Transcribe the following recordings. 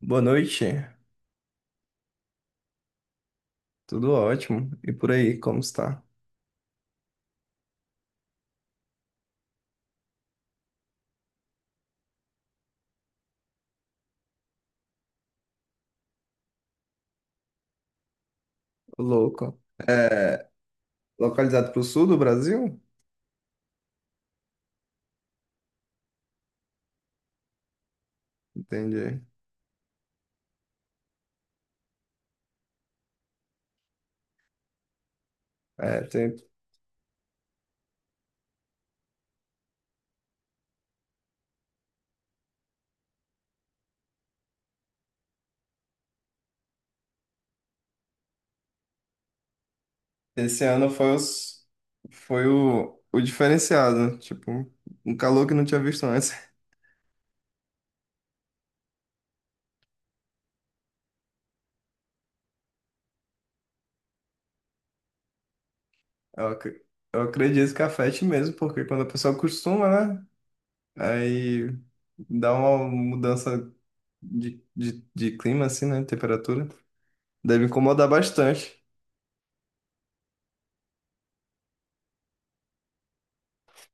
Boa noite, tudo ótimo. E por aí, como está? Ô, louco. É, localizado para o sul do Brasil? Entendi. É, esse ano foi, os, foi o diferenciado, tipo, um calor que não tinha visto antes. Eu, ac- eu acredito que afete mesmo, porque quando a pessoa acostuma, né? Aí dá uma mudança de clima, assim, né? Temperatura. Deve incomodar bastante.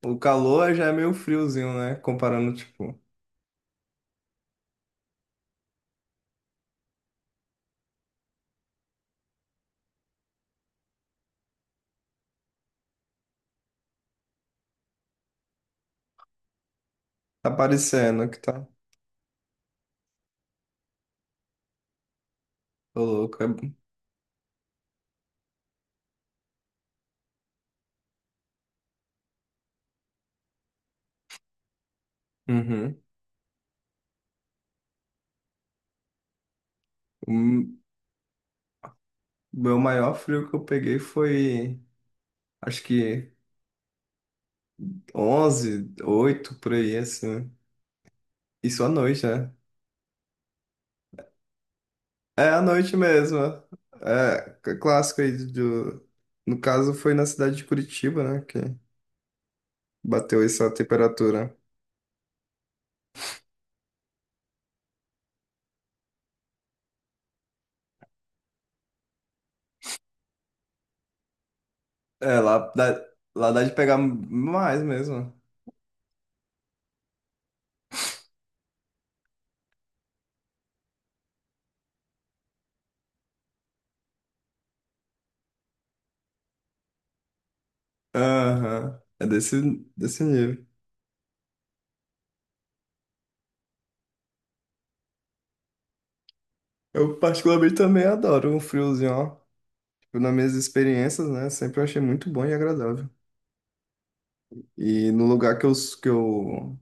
O calor já é meio friozinho, né? Comparando, tipo. Tá parecendo que tá. Tô louco. É... Uhum. O meu maior frio que eu peguei foi, acho que 11 8 por aí, assim. Isso à noite, né? É à noite mesmo. É clássico aí do... No caso, foi na cidade de Curitiba, né? Que bateu essa temperatura. É, lá dá de pegar mais mesmo. Aham. É desse nível. Eu particularmente também adoro um friozinho, ó, nas minhas experiências, né, sempre eu achei muito bom e agradável. E no lugar que eu,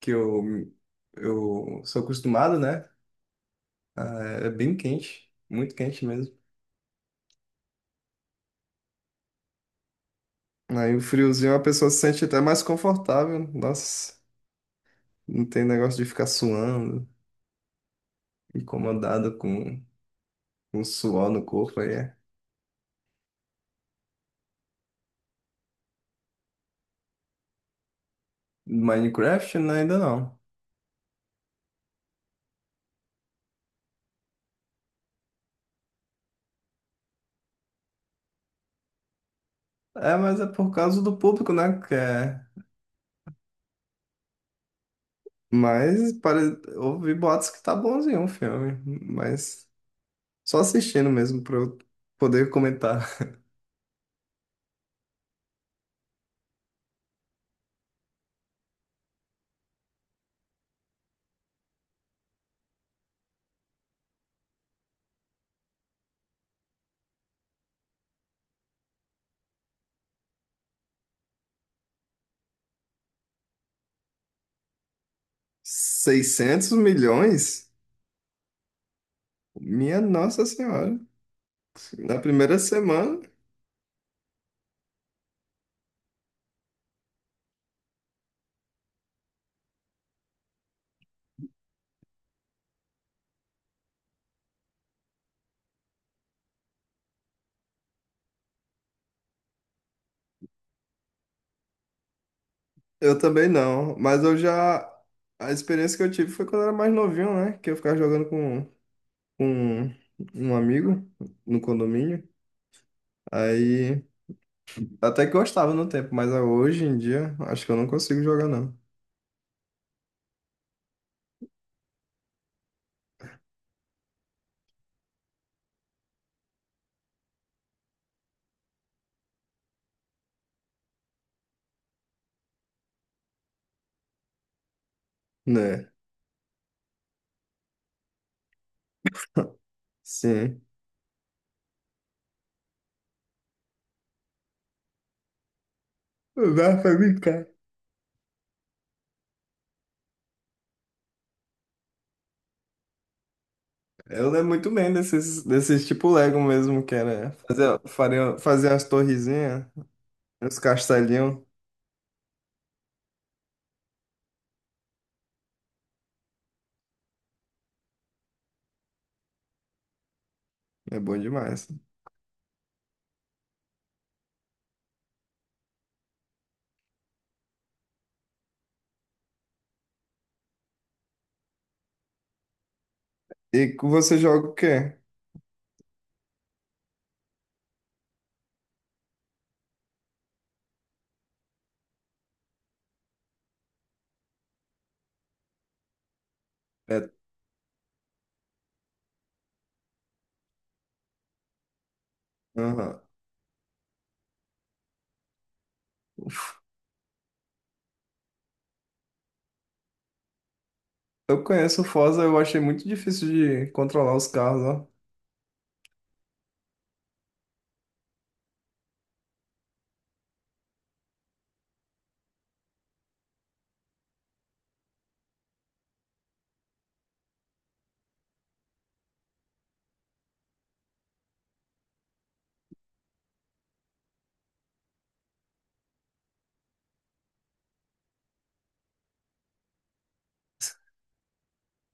que eu sou acostumado, né, ah, é bem quente, muito quente mesmo. Aí o friozinho a pessoa se sente até mais confortável. Nossa, não tem negócio de ficar suando, incomodada com o suor no corpo aí. É. Minecraft, né, ainda não. É, mas é por causa do público, né, que é... Mas ouvi boatos que tá bonzinho o filme, mas só assistindo mesmo para eu poder comentar. 600 milhões? Minha Nossa Senhora. Na primeira semana, eu também não. Mas eu já. A experiência que eu tive foi quando eu era mais novinho, né? Que eu ficava jogando com um amigo no condomínio. Aí. Até que gostava no tempo, mas hoje em dia, acho que eu não consigo jogar, não. Né? Sim. Vai pra mim. Eu lembro muito bem desses tipo Lego mesmo, que era fazer, fazer as torrezinhas, os castelinhos. É bom demais. E que você joga o quê? É, aham. Uf, eu conheço o Forza, eu achei muito difícil de controlar os carros, ó.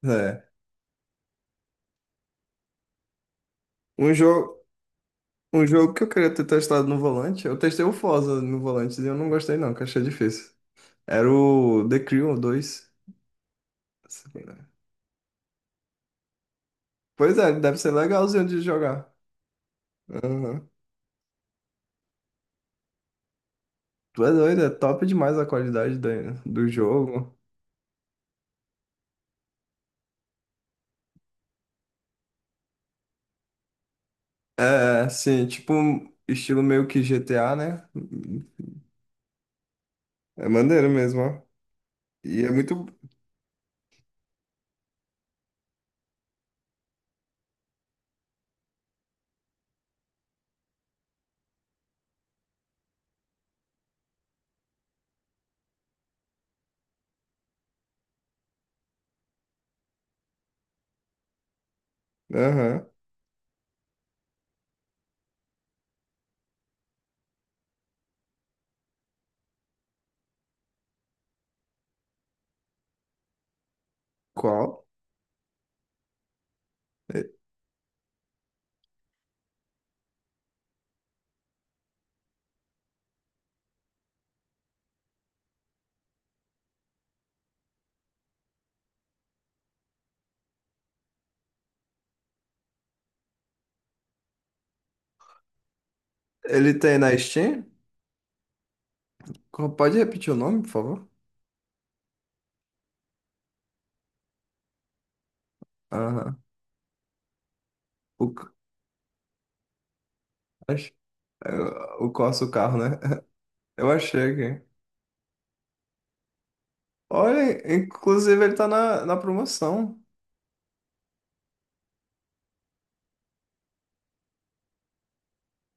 É. Um jogo, um jogo que eu queria ter testado no volante, eu testei o Forza no volante e eu não gostei não, que eu achei difícil. Era o The Crew 2. Pois é, deve ser legalzinho de jogar. Aham. Tu é doido, é top demais a qualidade da- do jogo. É, sim, tipo, um estilo meio que GTA, né? É maneiro mesmo, ó. E é muito. Aham. Qual? E- Ele tem na Steam? Pode repetir o nome, por favor? Aham. O, c- ach- é, o Corsa, o carro, né? Eu achei aqui. Olha, inclusive ele tá na, na promoção.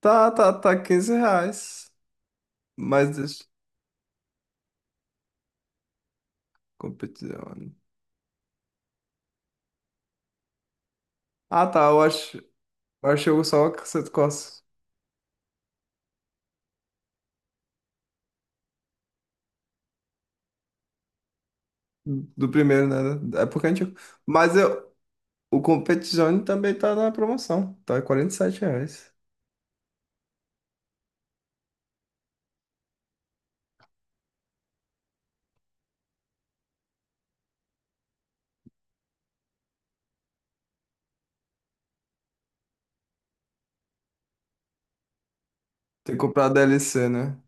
Tá R$ 15. Mas deixa. Competição. Ah, tá, eu acho. Eu achei só o Corsa. Do primeiro, né? É porque a gente. Mas o Competizione também tá na promoção. Tá R$ 47. Tem que comprar a DLC, né?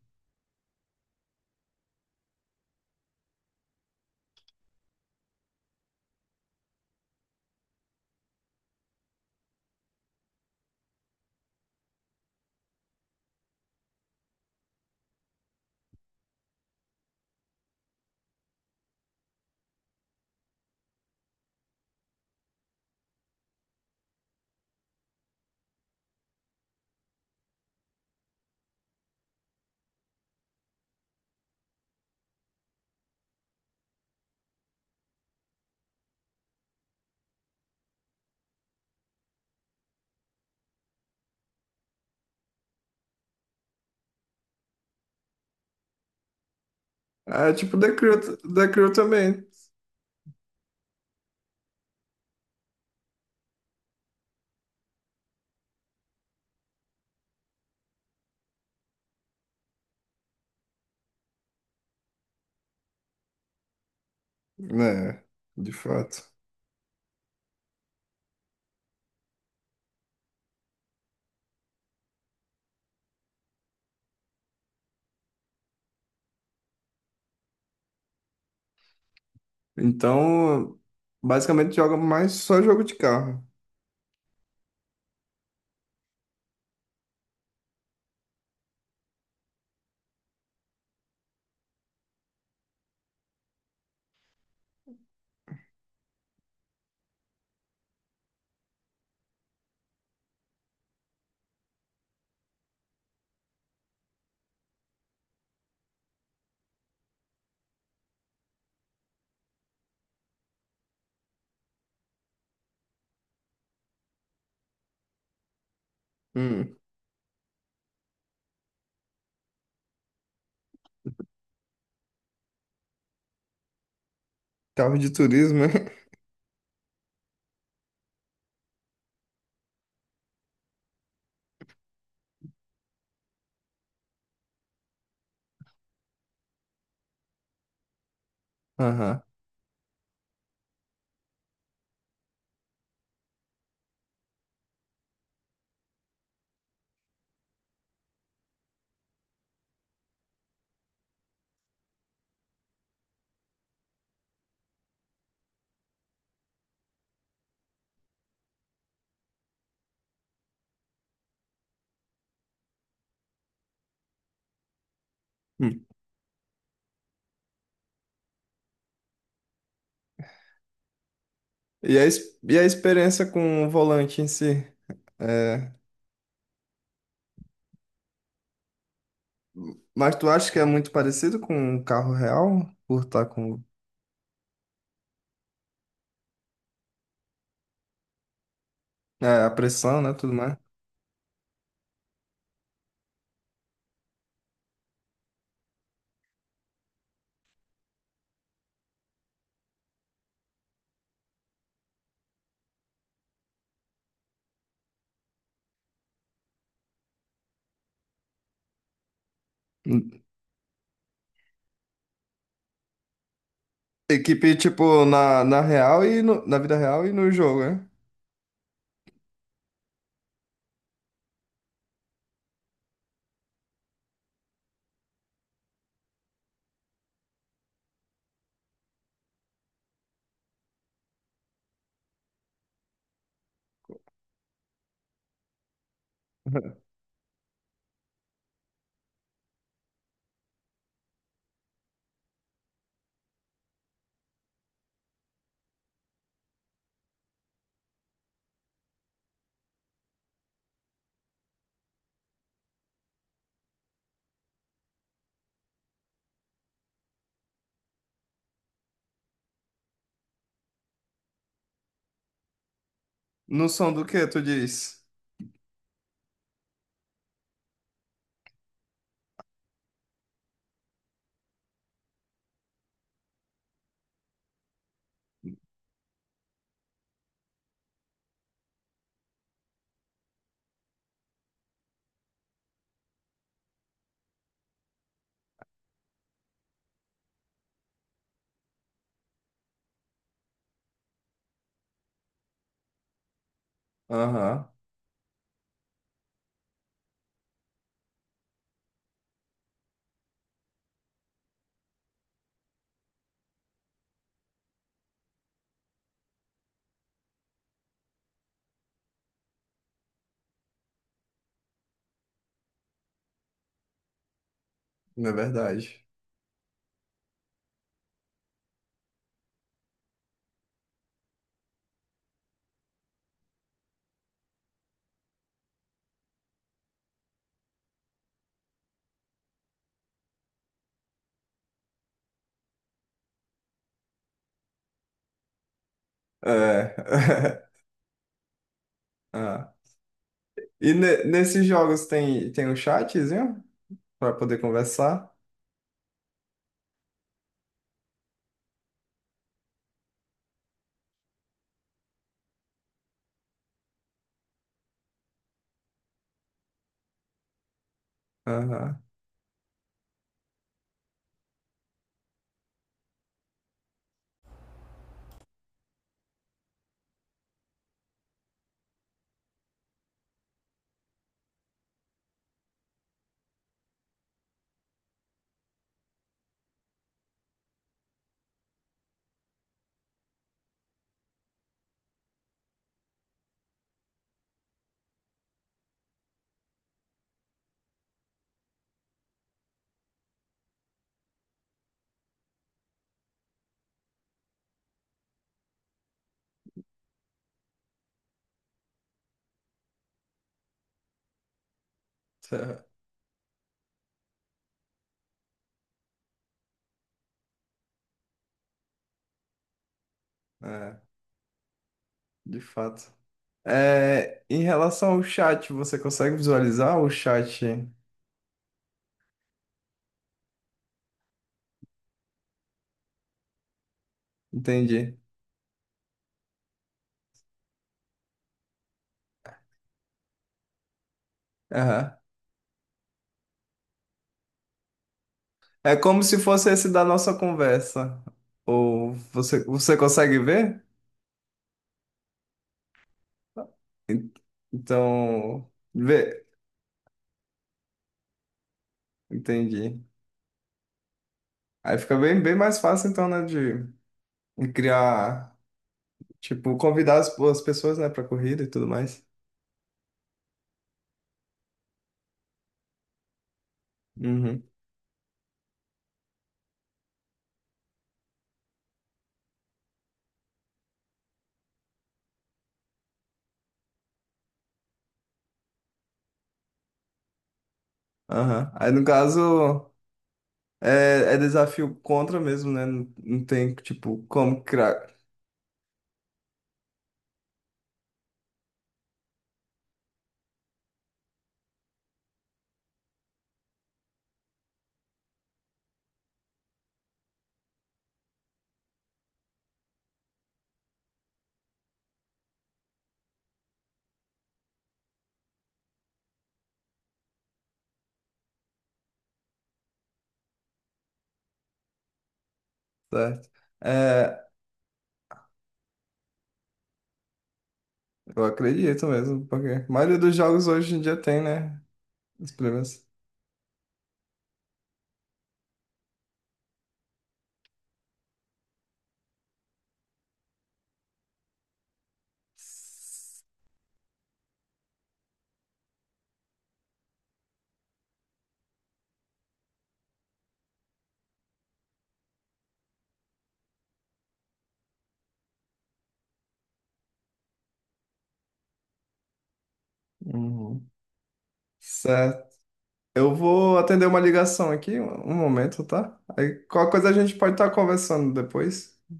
É tipo The Crew, The Crew também. Né, de fato. Então, basicamente joga mais só jogo de carro. Hum, Carro de turismo, né? Aham. Hum. E a experiência com o volante em si? É, mas tu acha que é muito parecido com um carro real? Por estar com a pressão, né? Tudo mais. Equipe, tipo, na real e na vida real e no jogo, né? No som do que tu diz? Aham, é verdade. É. Ah. E nesses jogos tem um chatzinho pra poder conversar? Aham. Cê- É, de fato. É, em relação ao chat, você consegue visualizar o chat? Entendi. Aham. É como se fosse esse da nossa conversa. Ou você consegue ver? Então, vê, entendi. Aí fica bem, bem mais fácil, então, né, de criar, tipo, convidar as pessoas, né, pra corrida e tudo mais. Uhum, aham. Aí, no caso, é desafio contra mesmo, né? Não, não tem, tipo, como criar, certo? É, eu acredito mesmo, porque a maioria dos jogos hoje em dia tem, né, os problemas. Uhum. Certo. Eu vou atender uma ligação aqui, um momento, tá? Aí qualquer coisa a gente pode estar conversando depois.